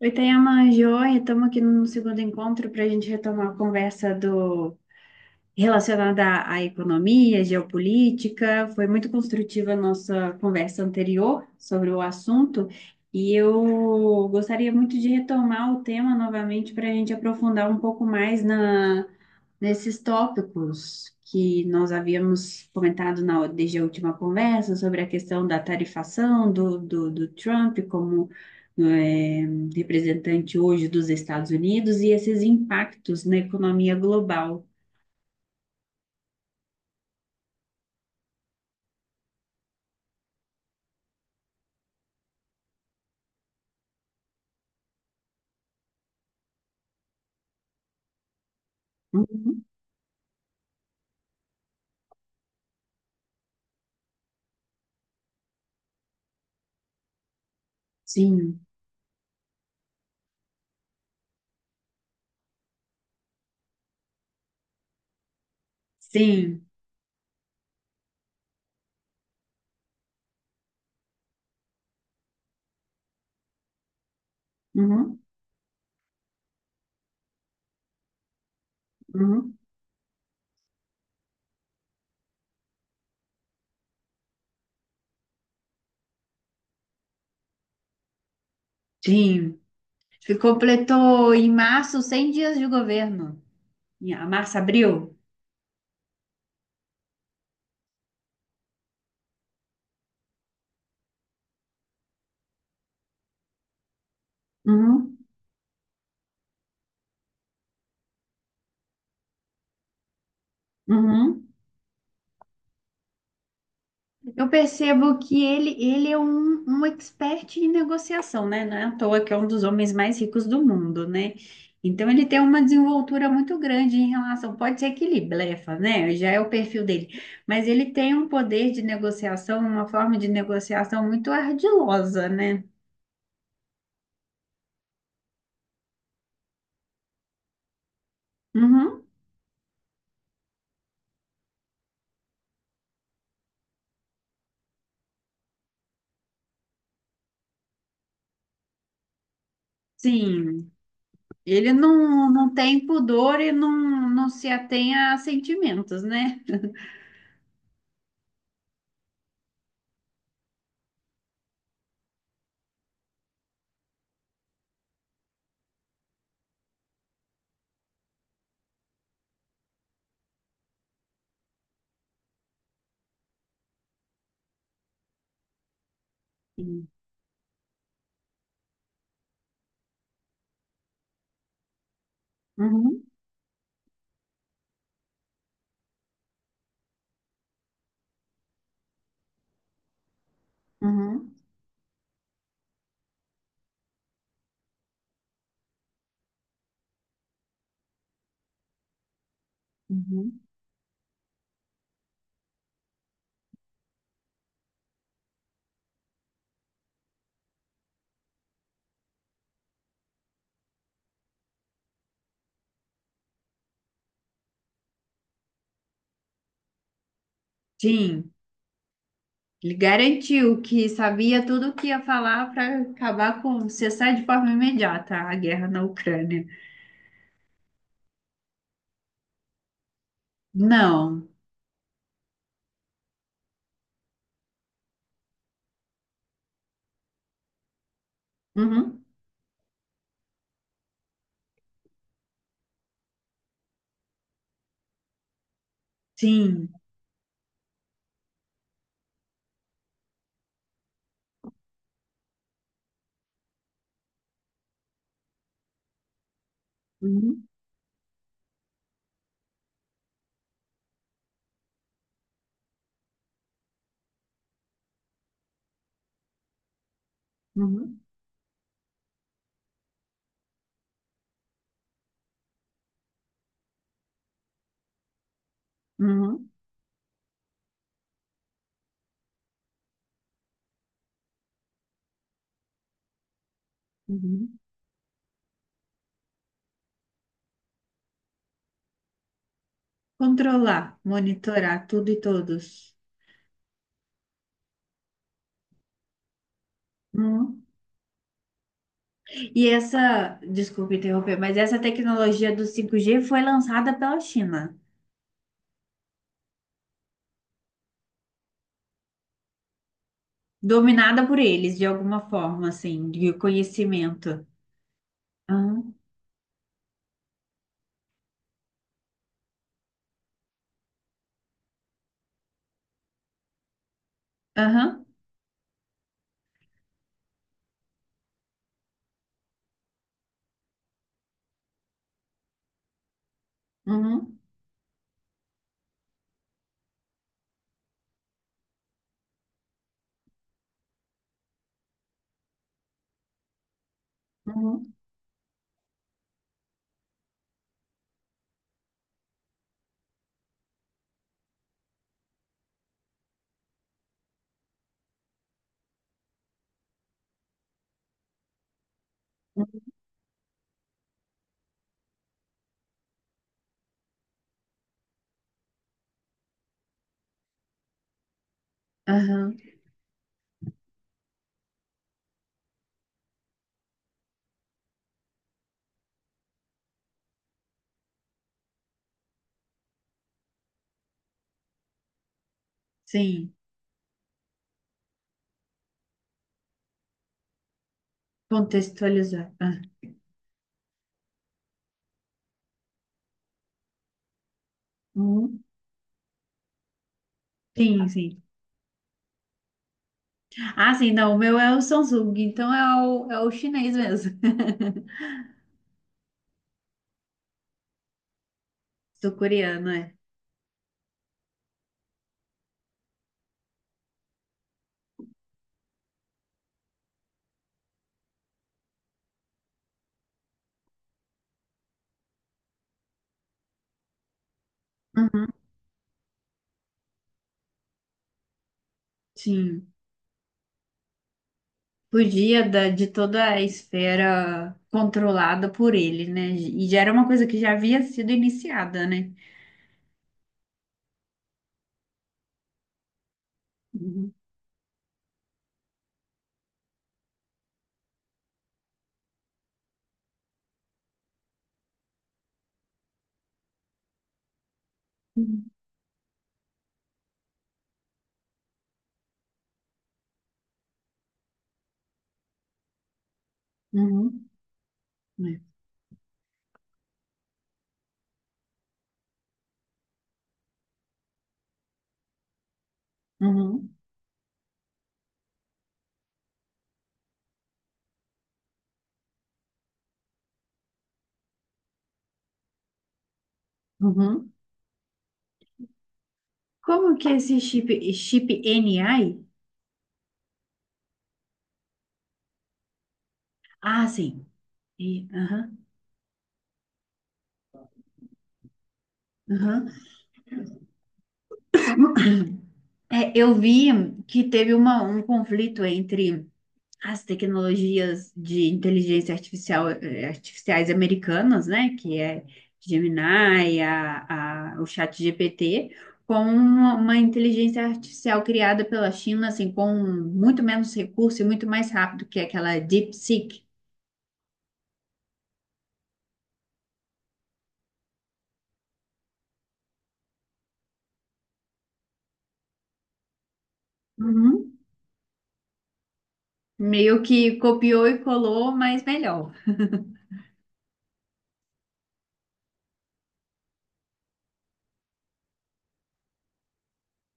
Oi, Tayama, joia, estamos aqui no segundo encontro para a gente retomar a conversa do relacionada à economia, geopolítica. Foi muito construtiva a nossa conversa anterior sobre o assunto e eu gostaria muito de retomar o tema novamente para a gente aprofundar um pouco mais nesses tópicos que nós havíamos comentado desde a última conversa sobre a questão da tarifação do Trump como eh, representante hoje dos Estados Unidos e esses impactos na economia global. Uhum. Sim, sim. Uhum, uhum, sim. Ele completou em março 100 dias de governo. Em março, abril. Uhum, uhum. Eu percebo que ele, é um, expert em negociação, né? Não é à toa que é um dos homens mais ricos do mundo, né? Então ele tem uma desenvoltura muito grande em relação, pode ser que ele blefa, né? Já é o perfil dele, mas ele tem um poder de negociação, uma forma de negociação muito ardilosa, né? Uhum. Sim. Ele não, tem pudor e não, se atém a sentimentos, né? Sim. Uhum, uhum, uhum. Sim, ele garantiu que sabia tudo o que ia falar para acabar com, cessar de forma imediata a guerra na Ucrânia. Não. Uhum. Sim. Uhum, uhum, uhum, uhum. Controlar, monitorar tudo e todos. Uhum. E essa, desculpa interromper, mas essa tecnologia do 5G foi lançada pela China. Dominada por eles de alguma forma, assim, de conhecimento. Aham, aham, uhum, uhum, aham, sim, contextualizar. Ah, uhum, sim, sim. Ah, sim, não, o meu é o Samsung, então é o, chinês mesmo. Sul-coreano, é. Uhum, sim. Fugia da, de toda a esfera controlada por ele, né? E já era uma coisa que já havia sido iniciada, né? Uhum, uhum, uhum, é, uhum, uhum. Como que é esse chip, chip NI? Ah, sim. Aham, aham. É, eu vi que teve uma, um conflito entre as tecnologias de inteligência artificial, artificiais americanas, né? Que é Gemini, o ChatGPT, com uma, inteligência artificial criada pela China, assim, com muito menos recurso e muito mais rápido que é aquela DeepSeek. Uhum. Meio que copiou e colou, mas melhor.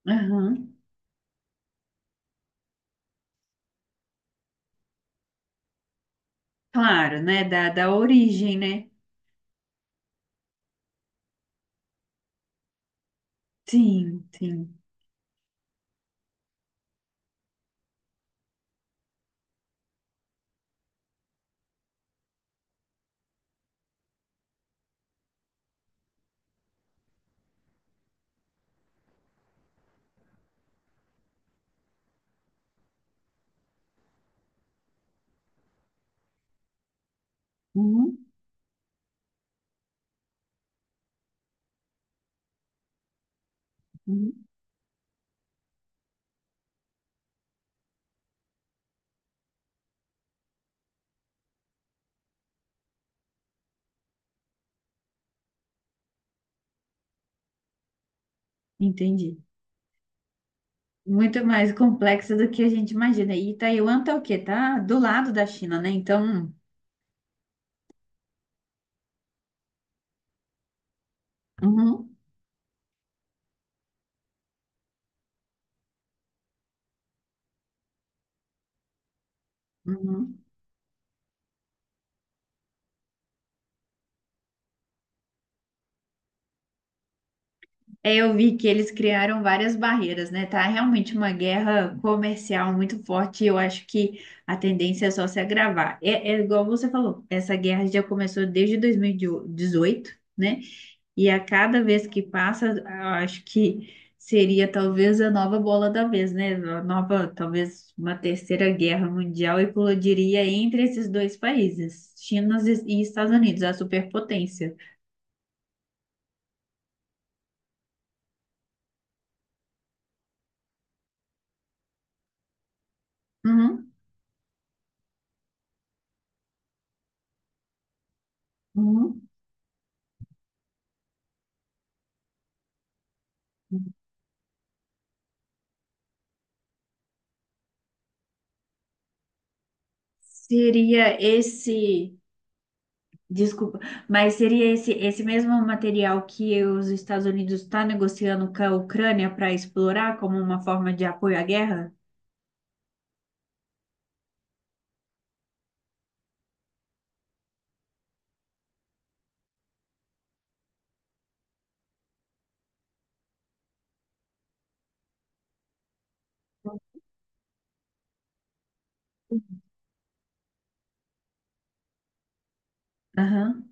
Aham. Claro, né? Da, origem, né? Sim, sim. Uhum, uhum. Entendi. Muito mais complexa do que a gente imagina. E Taiwan tá o quê? Tá do lado da China, né? Então, uhum, uhum. É, eu vi que eles criaram várias barreiras, né? Tá realmente uma guerra comercial muito forte. E eu acho que a tendência é só se agravar. É, é igual você falou, essa guerra já começou desde 2018, né? E a cada vez que passa, eu acho que seria talvez a nova bola da vez, né? A nova, talvez uma terceira guerra mundial eclodiria entre esses dois países, China e Estados Unidos, a superpotência. Uhum, uhum. Seria esse, desculpa, mas seria esse mesmo material que os Estados Unidos estão negociando com a Ucrânia para explorar como uma forma de apoio à guerra? Aham.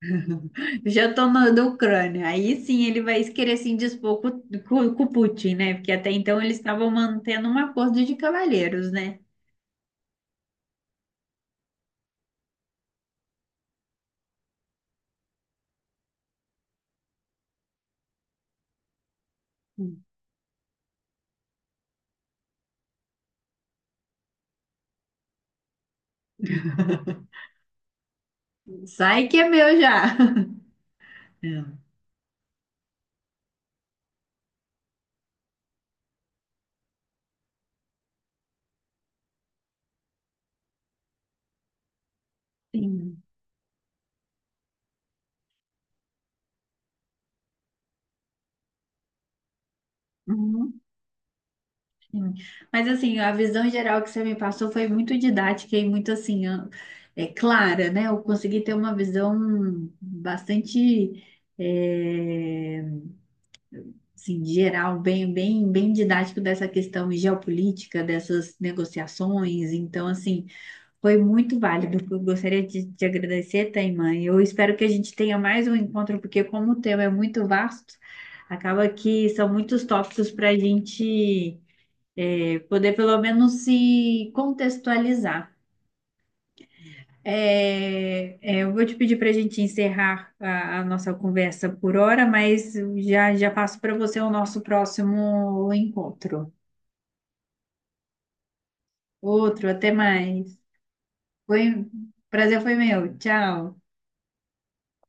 Já estou na Ucrânia. Aí sim ele vai querer se indispor com, com o Putin, né? Porque até então eles estavam mantendo um acordo de cavalheiros, né? Sai que é meu já. É. Sim. Uhum, sim. Mas assim, a visão geral que você me passou foi muito didática e muito assim, é clara, né? Eu consegui ter uma visão bastante, é, assim, geral, bem, bem, bem didático dessa questão geopolítica, dessas negociações. Então, assim, foi muito válido. Eu gostaria de te agradecer, Taimã. Eu espero que a gente tenha mais um encontro, porque como o tema é muito vasto, acaba que são muitos tópicos para a gente, poder pelo menos se contextualizar. É, é, eu vou te pedir para a gente encerrar a nossa conversa por hora, mas já, já passo para você o nosso próximo encontro. Outro, até mais. Foi, prazer foi meu. Tchau.